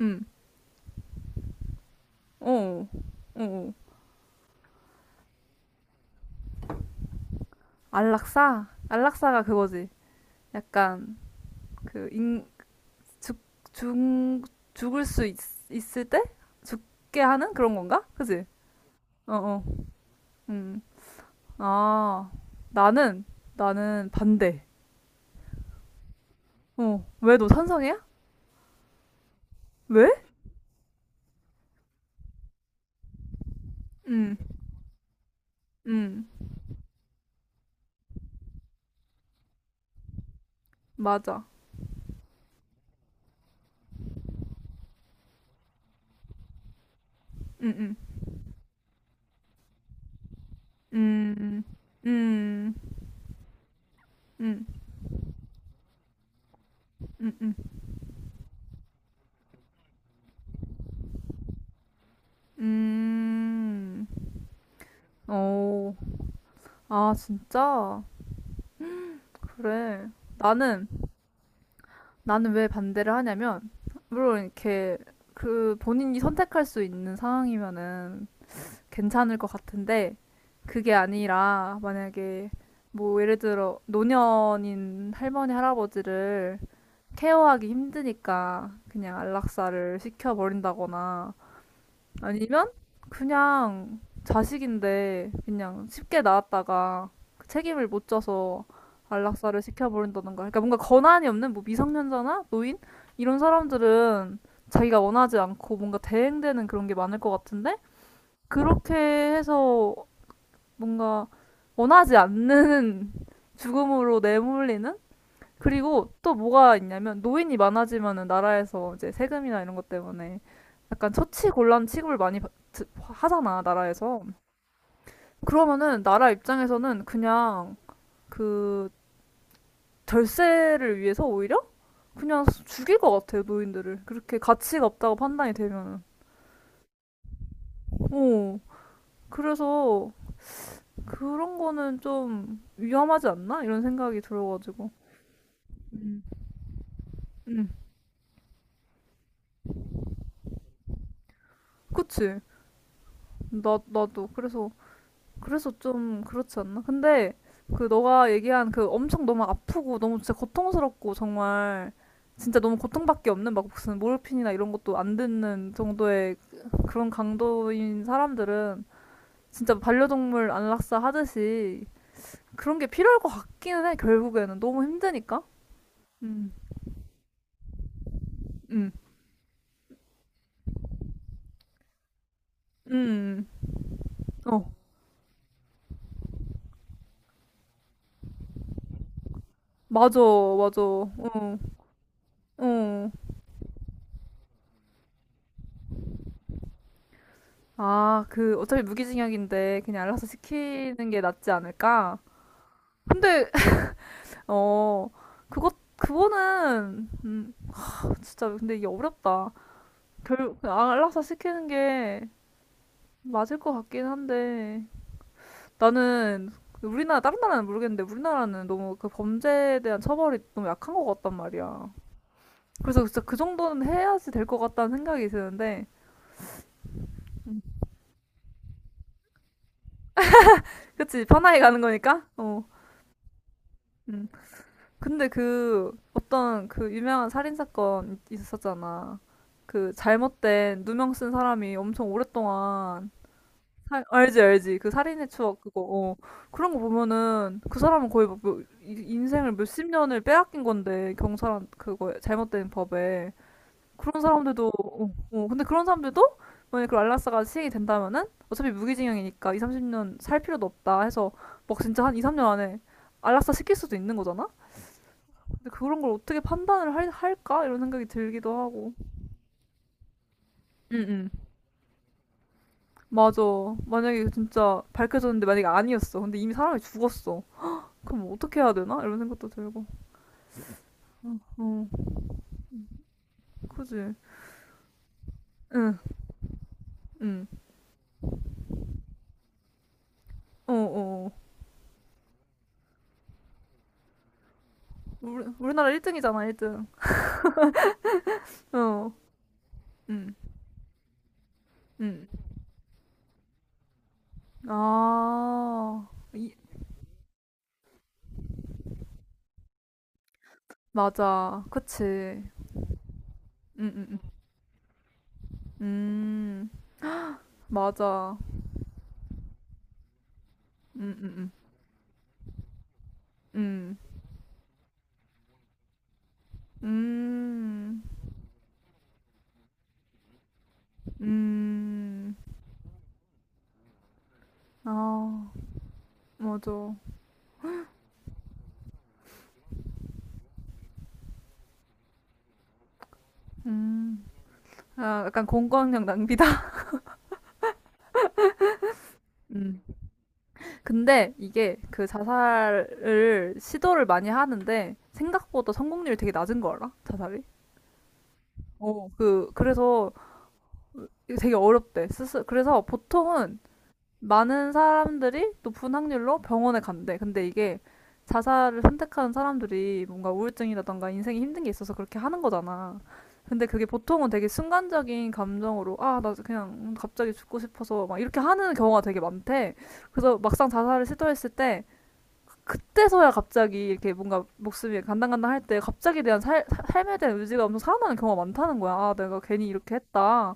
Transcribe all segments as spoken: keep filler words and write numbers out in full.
응. 어. 어. 오 안락사? 안락사가 그거지. 약간 그 인, 죽, 죽, 죽을 수 있, 있을 때 죽게 하는 그런 건가? 그지? 어, 어. 음. 아. 나는 나는 반대. 어. 왜 너 찬성이야? 왜? 응, 응. 맞아. 응응 응 음. 음. 음. 음. 음. 음. 어. 아, 진짜? 그래. 나는 나는 왜 반대를 하냐면, 물론 이렇게 그 본인이 선택할 수 있는 상황이면은 괜찮을 것 같은데, 그게 아니라 만약에 뭐 예를 들어 노년인 할머니 할아버지를 케어하기 힘드니까 그냥 안락사를 시켜버린다거나 아니면 그냥 자식인데 그냥 쉽게 낳았다가 그 책임을 못 져서 안락사를 시켜버린다던가. 그러니까 뭔가 권한이 없는 뭐 미성년자나 노인 이런 사람들은 자기가 원하지 않고 뭔가 대행되는 그런 게 많을 것 같은데 그렇게 해서 뭔가 원하지 않는 죽음으로 내몰리는. 그리고 또 뭐가 있냐면 노인이 많아지면은 나라에서 이제 세금이나 이런 것 때문에 약간 처치곤란 취급을 많이 받- 하잖아, 나라에서. 그러면은 나라 입장에서는 그냥 그 절세를 위해서 오히려 그냥 죽일 것 같아요, 노인들을 그렇게 가치가 없다고 판단이 되면은. 어, 그래서 그런 거는 좀 위험하지 않나 이런 생각이 들어가지고. 음. 그치. 나 나도 그래서 그래서 좀 그렇지 않나? 근데 그 너가 얘기한 그 엄청 너무 아프고 너무 진짜 고통스럽고 정말 진짜 너무 고통밖에 없는 막 무슨 모르핀이나 이런 것도 안 듣는 정도의 그런 강도인 사람들은 진짜 반려동물 안락사 하듯이 그런 게 필요할 것 같기는 해, 결국에는 너무 힘드니까. 음, 음, 음. 음. 어, 맞아, 맞아. 어, 어. 아, 그 어차피 무기징역인데 그냥 안락사 시키는 게 낫지 않을까? 근데 어, 그것, 그거는, 음, 진짜, 근데 이게 어렵다. 결, 알아서 시키는 게 맞을 것 같긴 한데, 나는, 우리나라, 다른 나라는 모르겠는데, 우리나라는 너무 그 범죄에 대한 처벌이 너무 약한 것 같단 말이야. 그래서 진짜 그 정도는 해야지 될 것 같다는 생각이 드는데, 그치, 편하게 가는 거니까? 어, 음. 근데 그, 어떤 그 유명한 살인사건 있었잖아. 그 잘못된 누명 쓴 사람이 엄청 오랫동안 사- 알지, 알지. 그 살인의 추억 그거. 어. 그런 거 보면은 그 사람은 거의 뭐, 뭐 이- 인생을 몇십 년을 빼앗긴 건데 경찰한 그거 잘못된 법에. 그런 사람들도 어, 어. 근데 그런 사람들도 만약에 그 알라스가 시행이 된다면은 어차피 무기징역이니까 이, 삼십 년 살 필요도 없다 해서 막 진짜 한 이, 삼 년 안에 안락사 시킬 수도 있는 거잖아? 근데 그런 걸 어떻게 판단을 할, 할까? 이런 생각이 들기도 하고. 응, 응. 맞아. 만약에 진짜 밝혀졌는데 만약에 아니었어. 근데 이미 사람이 죽었어. 그럼 어떻게 해야 되나? 이런 생각도 들고. 어, 그지. 응, 응. 어, 어. 어. 우리, 우리나라 일등이잖아, 일등. 어, 응, 응. 아, 이, 맞아. 그치. 응, 응, 응. 음, 맞아. 응, 응, 응. 응, 음, 음. 아, 맞아. 음. 아, 약간 공권력 낭비다. 음. 근데 이게 그 자살을 시도를 많이 하는데 생각보다 성공률이 되게 낮은 거 알아? 자살이? 어, 그 그래서 이게 되게 어렵대. 스스 그래서 보통은 많은 사람들이 높은 확률로 병원에 간대. 근데 이게 자살을 선택하는 사람들이 뭔가 우울증이라던가 인생이 힘든 게 있어서 그렇게 하는 거잖아. 근데 그게 보통은 되게 순간적인 감정으로, 아, 나 그냥 갑자기 죽고 싶어서 막 이렇게 하는 경우가 되게 많대. 그래서 막상 자살을 시도했을 때 그때서야 갑자기 이렇게 뭔가 목숨이 간당간당할 때 갑자기 대한 살, 삶에 대한 의지가 엄청 살아나는 경우가 많다는 거야. 아, 내가 괜히 이렇게 했다.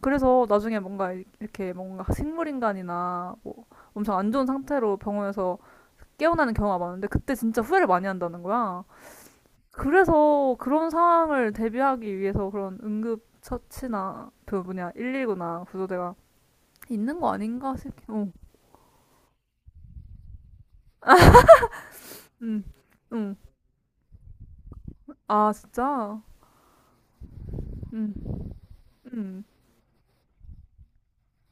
그래서 나중에 뭔가 이렇게 뭔가 식물인간이나 뭐 엄청 안 좋은 상태로 병원에서 깨어나는 경우가 많은데 그때 진짜 후회를 많이 한다는 거야. 그래서 그런 상황을 대비하기 위해서 그런 응급 처치나 그 뭐냐 일일구나 구조대가 있는 거 아닌가 싶 어, 응, 응. 아, 진짜. 응, 응.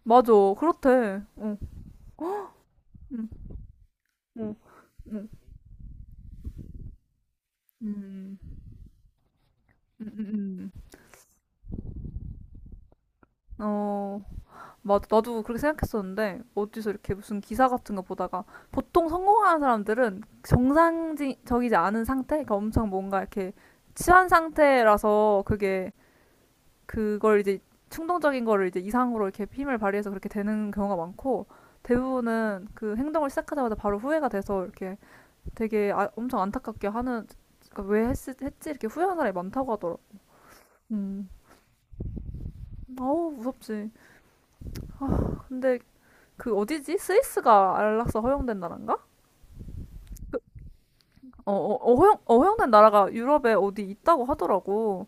맞아. 그렇대. 어. 응. 응. 응. 음. 음. 음. 음. 어. 맞아. 나도 그렇게 생각했었는데 어디서 이렇게 무슨 기사 같은 거 보다가 보통 성공하는 사람들은 정상적이지 않은 상태, 그러니까 엄청 뭔가 이렇게 취한 상태라서 그게 그걸 이제 충동적인 거를 이제 이상으로 이렇게 힘을 발휘해서 그렇게 되는 경우가 많고 대부분은 그 행동을 시작하자마자 바로 후회가 돼서 이렇게 되게, 아, 엄청 안타깝게 하는 그러니까 왜 했, 했지 이렇게 후회하는 사람이 많다고 하더라. 음. 아우, 무섭지. 아, 근데 그 어디지? 스위스가 안락사 허용된 나라인가? 어, 어, 어, 허용, 어, 허용된 나라가 유럽에 어디 있다고 하더라고.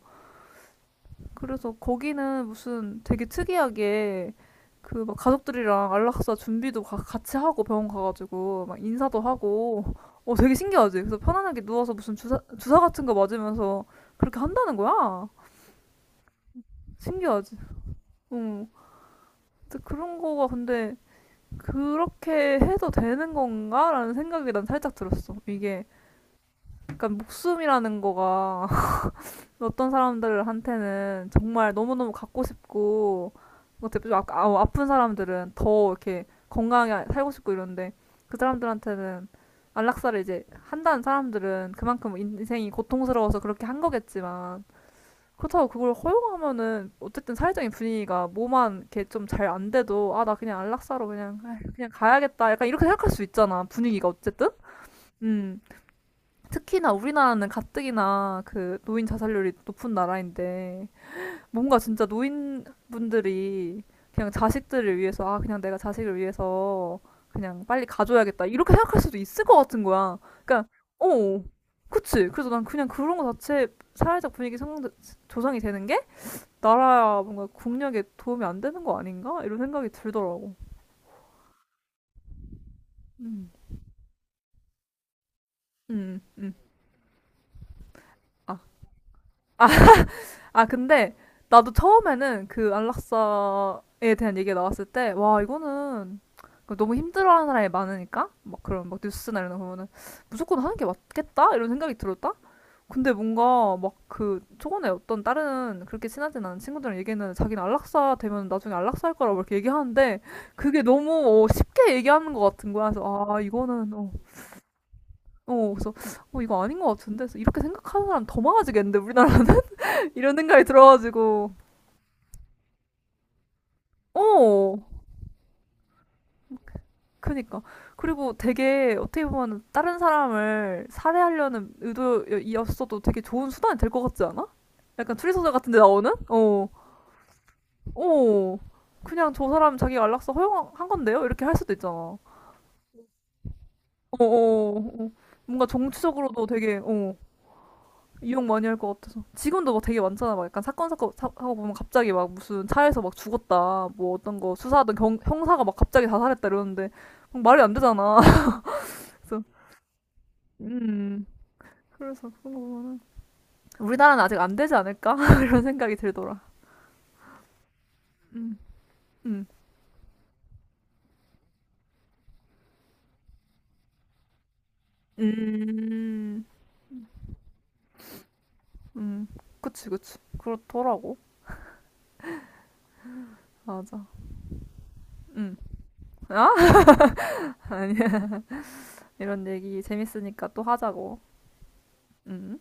그래서 거기는 무슨 되게 특이하게 그 막 가족들이랑 안락사 준비도 가- 같이 하고 병원 가가지고 막 인사도 하고 어 되게 신기하지. 그래서 편안하게 누워서 무슨 주사 주사 같은 거 맞으면서 그렇게 한다는 거야. 신기하지. 응. 그런 거가 근데 그렇게 해도 되는 건가라는 생각이 난 살짝 들었어. 이게 약간 목숨이라는 거가 어떤 사람들한테는 정말 너무너무 갖고 싶고 뭐 대표적으로 아, 아, 아픈 사람들은 더 이렇게 건강하게 살고 싶고 이런데 그 사람들한테는 안락사를 이제 한다는 사람들은 그만큼 인생이 고통스러워서 그렇게 한 거겠지만 그렇다고 그걸 허용하면은 어쨌든 사회적인 분위기가 뭐만 이렇게 좀 잘 안 돼도 아 나 그냥 안락사로 그냥 아 그냥 가야겠다 약간 이렇게 생각할 수 있잖아, 분위기가 어쨌든. 음. 특히나 우리나라는 가뜩이나 그 노인 자살률이 높은 나라인데 뭔가 진짜 노인분들이 그냥 자식들을 위해서 아 그냥 내가 자식을 위해서 그냥 빨리 가줘야겠다 이렇게 생각할 수도 있을 것 같은 거야. 그러니까 어, 그치. 그래서 난 그냥 그런 거 자체 사회적 분위기 성, 조성이 되는 게 나라야 뭔가 국력에 도움이 안 되는 거 아닌가? 이런 생각이 들더라고. 음, 음, 음. 아, 아, 아, 근데 나도 처음에는 그 안락사에 대한 얘기가 나왔을 때, 와, 이거는 너무 힘들어하는 사람이 많으니까 막 그런 막 뉴스나 이런 거 보면은 무조건 하는 게 맞겠다 이런 생각이 들었다. 근데 뭔가 막 그 초반에 어떤 다른 그렇게 친하진 않은 친구들이랑 얘기는 자기는 안락사 되면 나중에 안락사 할 거라고 이렇게 얘기하는데 그게 너무 어, 쉽게 얘기하는 것 같은 거야. 그래서 아 이거는 어, 어, 그래서, 어, 이거 아닌 것 같은데. 그래서 이렇게 생각하는 사람 더 많아지겠는데, 우리나라는? 이런 생각이 들어가지고. 어, 그니까. 그리고 되게, 어떻게 보면, 다른 사람을 살해하려는 의도였어도 되게 좋은 수단이 될 것 같지 않아? 약간 추리소설 같은 데 나오는? 어, 어. 그냥 저 사람 자기가 안락사 허용한 건데요? 이렇게 할 수도 있잖아. 어, 어, 어. 뭔가 정치적으로도 되게, 어. 유혹 많이 할 것 같아서. 지금도 막 되게 많잖아. 막 약간 사건 사건 사- 하고 보면 갑자기 막 무슨 차에서 막 죽었다. 뭐 어떤 거 수사하던 경, 형사가 막 갑자기 자살했다 이러는데 막 말이 안 되잖아. 그래서 음 그래서 그런 거 보면은 우리나라는 아직 안 되지 않을까 이런 생각이 들더라. 음. 음. 음, 음. 그치, 그치, 그렇더라고. 맞아. 음. 아, 아니야. 이런 얘기 재밌으니까 또 하자고. 음.